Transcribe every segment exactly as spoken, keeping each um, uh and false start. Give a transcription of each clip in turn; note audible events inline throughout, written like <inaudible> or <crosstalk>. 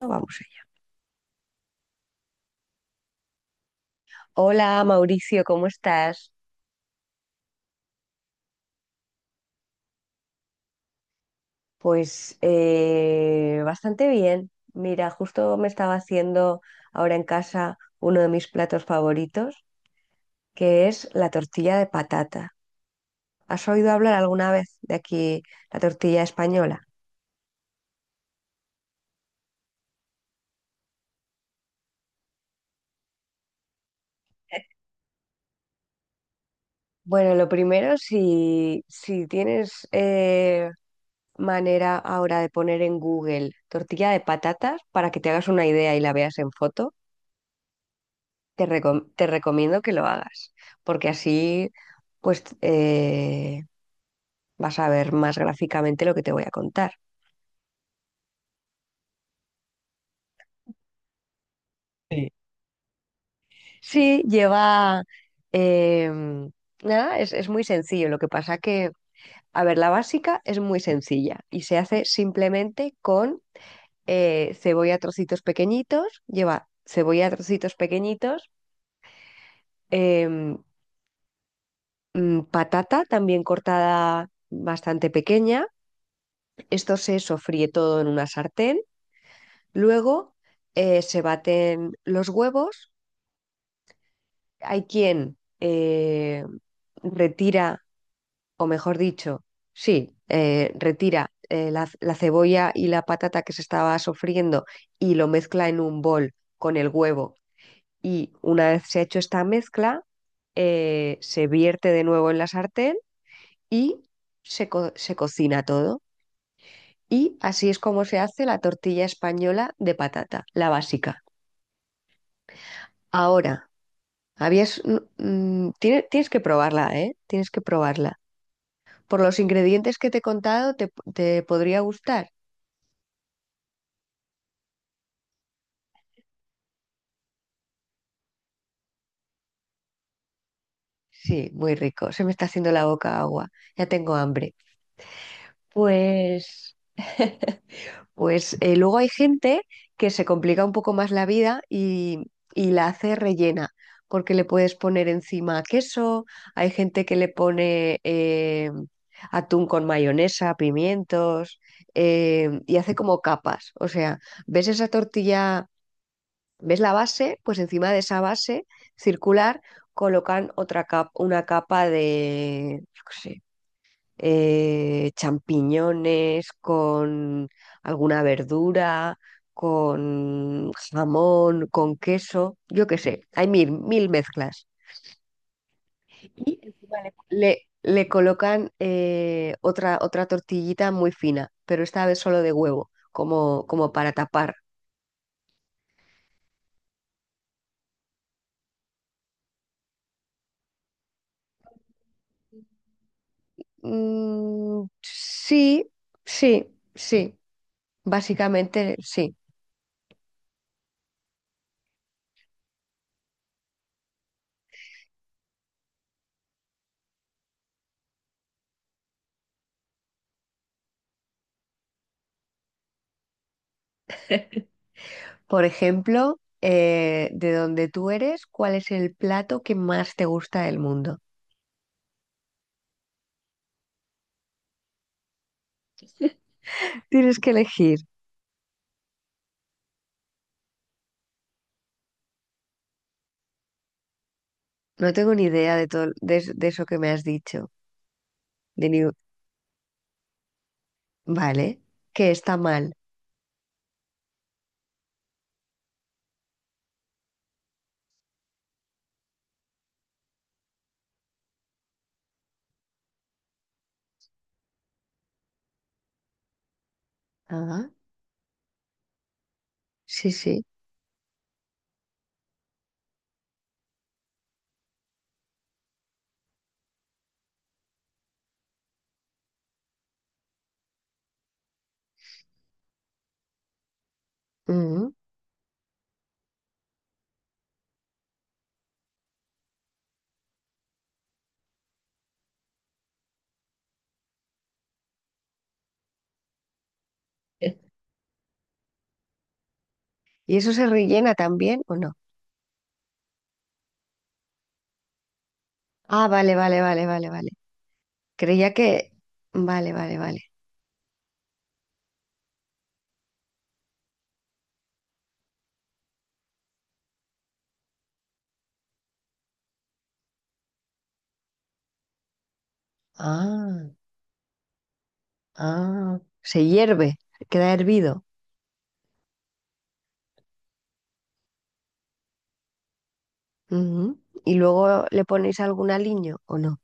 Vamos allá. Hola Mauricio, ¿cómo estás? Pues eh, bastante bien. Mira, justo me estaba haciendo ahora en casa uno de mis platos favoritos, que es la tortilla de patata. ¿Has oído hablar alguna vez de aquí la tortilla española? Bueno, lo primero, si, si tienes eh, manera ahora de poner en Google tortilla de patatas para que te hagas una idea y la veas en foto. Te recom- te recomiendo que lo hagas, porque así pues eh, vas a ver más gráficamente lo que te voy a contar. Sí. Sí, lleva em, nada, es, es muy sencillo. Lo que pasa que, a ver, la básica es muy sencilla y se hace simplemente con eh, cebolla a trocitos pequeñitos, lleva cebolla a trocitos pequeñitos, em, mm, patata también cortada bastante pequeña. Esto se sofríe todo en una sartén. Luego eh, se baten los huevos. Hay quien eh, retira, o mejor dicho, sí, eh, retira eh, la, la cebolla y la patata que se estaba sofriendo y lo mezcla en un bol con el huevo. Y una vez se ha hecho esta mezcla, eh, se vierte de nuevo en la sartén y se, co- se cocina todo. Y así es como se hace la tortilla española de patata, la básica. Ahora. Habías, mm, mm, tiene- Tienes que probarla, ¿eh? Tienes que probarla. Por los ingredientes que te he contado, te, te podría gustar. Sí, muy rico. Se me está haciendo la boca agua. Ya tengo hambre. Pues <laughs> Pues eh, luego hay gente que se complica un poco más la vida y, y la hace rellena, porque le puedes poner encima queso, hay gente que le pone eh, atún con mayonesa, pimientos, eh, y hace como capas. O sea, ves esa tortilla, ves la base, pues encima de esa base circular colocan otra capa, una capa de, yo qué sé, eh, champiñones, con alguna verdura, con jamón, con queso, yo qué sé, hay mil, mil mezclas. Y le, le colocan eh, otra, otra tortillita muy fina, pero esta vez solo de huevo, como, como para tapar. Mm, sí, sí, sí, básicamente sí. Por ejemplo, eh, de donde tú eres, ¿cuál es el plato que más te gusta del mundo? Tienes que elegir. No tengo ni idea de todo de, es- de eso que me has dicho. De ni- Vale, que está mal. Ah, sí, sí. Ujú. ¿Y eso se rellena también o no? Ah, vale, vale, vale, vale, vale. Creía que... Vale, vale, vale. Ah, ah. Se hierve, queda hervido. Ujú. ¿Y luego le ponéis algún aliño o no?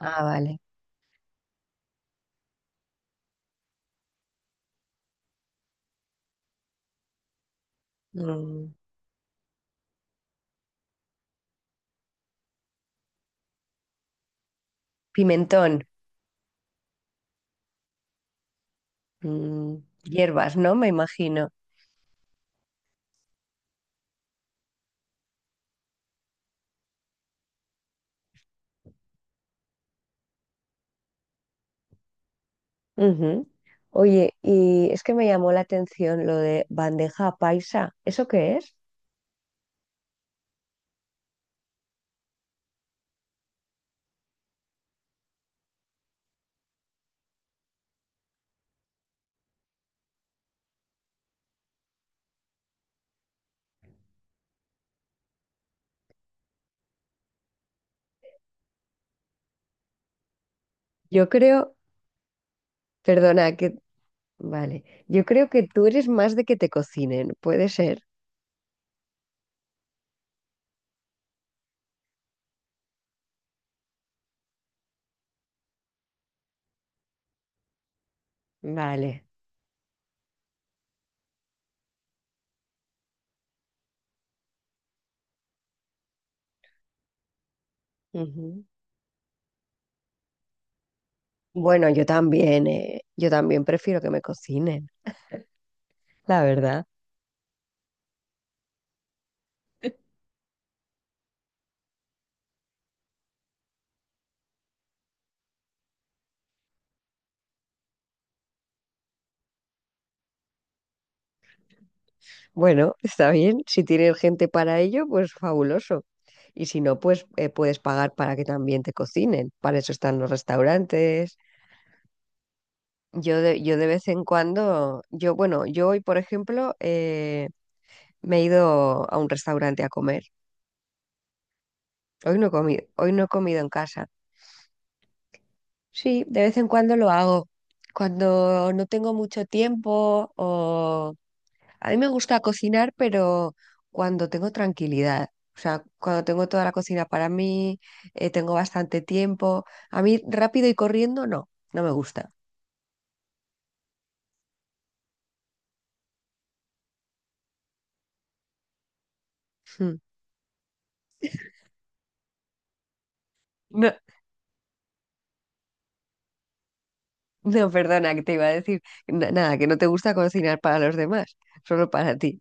Ah, vale. Mm. Pimentón, mm, hierbas, ¿no? Me imagino. Ujú. Oye, y es que me llamó la atención lo de bandeja paisa. ¿Eso qué es? Yo creo, perdona, que... Vale, yo creo que tú eres más de que te cocinen, puede ser. Vale. Ujú. Bueno, yo también, eh, yo también prefiero que me cocinen, la verdad. Bueno, está bien. Si tienes gente para ello, pues fabuloso. Y si no, pues eh, puedes pagar para que también te cocinen. Para eso están los restaurantes. Yo de, yo de vez en cuando, yo, bueno, yo hoy, por ejemplo, eh, me he ido a un restaurante a comer. Hoy no he comido, hoy no he comido en casa. Sí, de vez en cuando lo hago. Cuando no tengo mucho tiempo o a mí me gusta cocinar, pero cuando tengo tranquilidad, o sea, cuando tengo toda la cocina para mí, eh, tengo bastante tiempo. A mí rápido y corriendo, no, no me gusta. Mm. No, no, perdona, que te iba a decir na- nada, que no te gusta cocinar para los demás, solo para ti.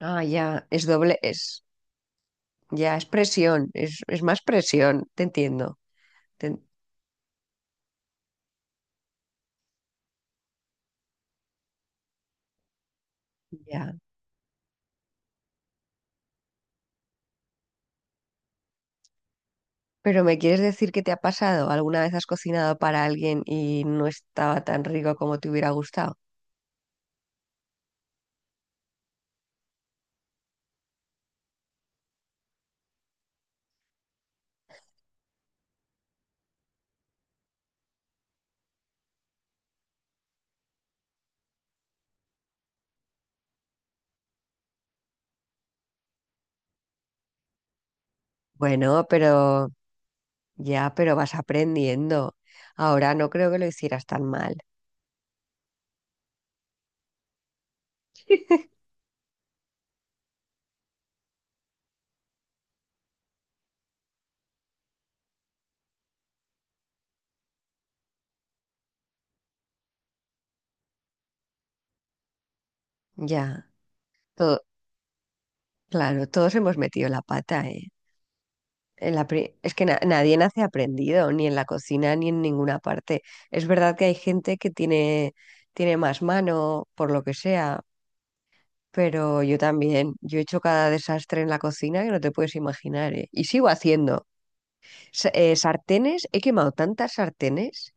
Ah, ya, es doble, es, ya es presión, es, es más presión, te entiendo. Te- ya. Pero ¿me quieres decir qué te ha pasado? ¿Alguna vez has cocinado para alguien y no estaba tan rico como te hubiera gustado? Bueno, pero ya, pero vas aprendiendo. Ahora no creo que lo hicieras tan mal. Ya, todo, claro, todos hemos metido la pata, ¿eh? En la pri- es que na- nadie nace aprendido, ni en la cocina, ni en ninguna parte. Es verdad que hay gente que tiene, tiene más mano, por lo que sea, pero yo también. Yo he hecho cada desastre en la cocina que no te puedes imaginar, ¿eh? Y sigo haciendo. Sa- eh, sartenes, he quemado tantas sartenes,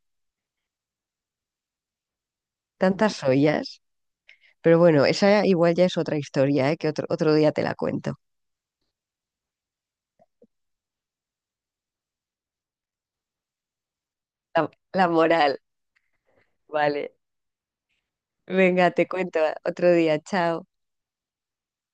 tantas ollas. Pero bueno, esa igual ya es otra historia, ¿eh? Que otro, otro día te la cuento. La, la moral, vale. Venga, te cuento otro día. Chao.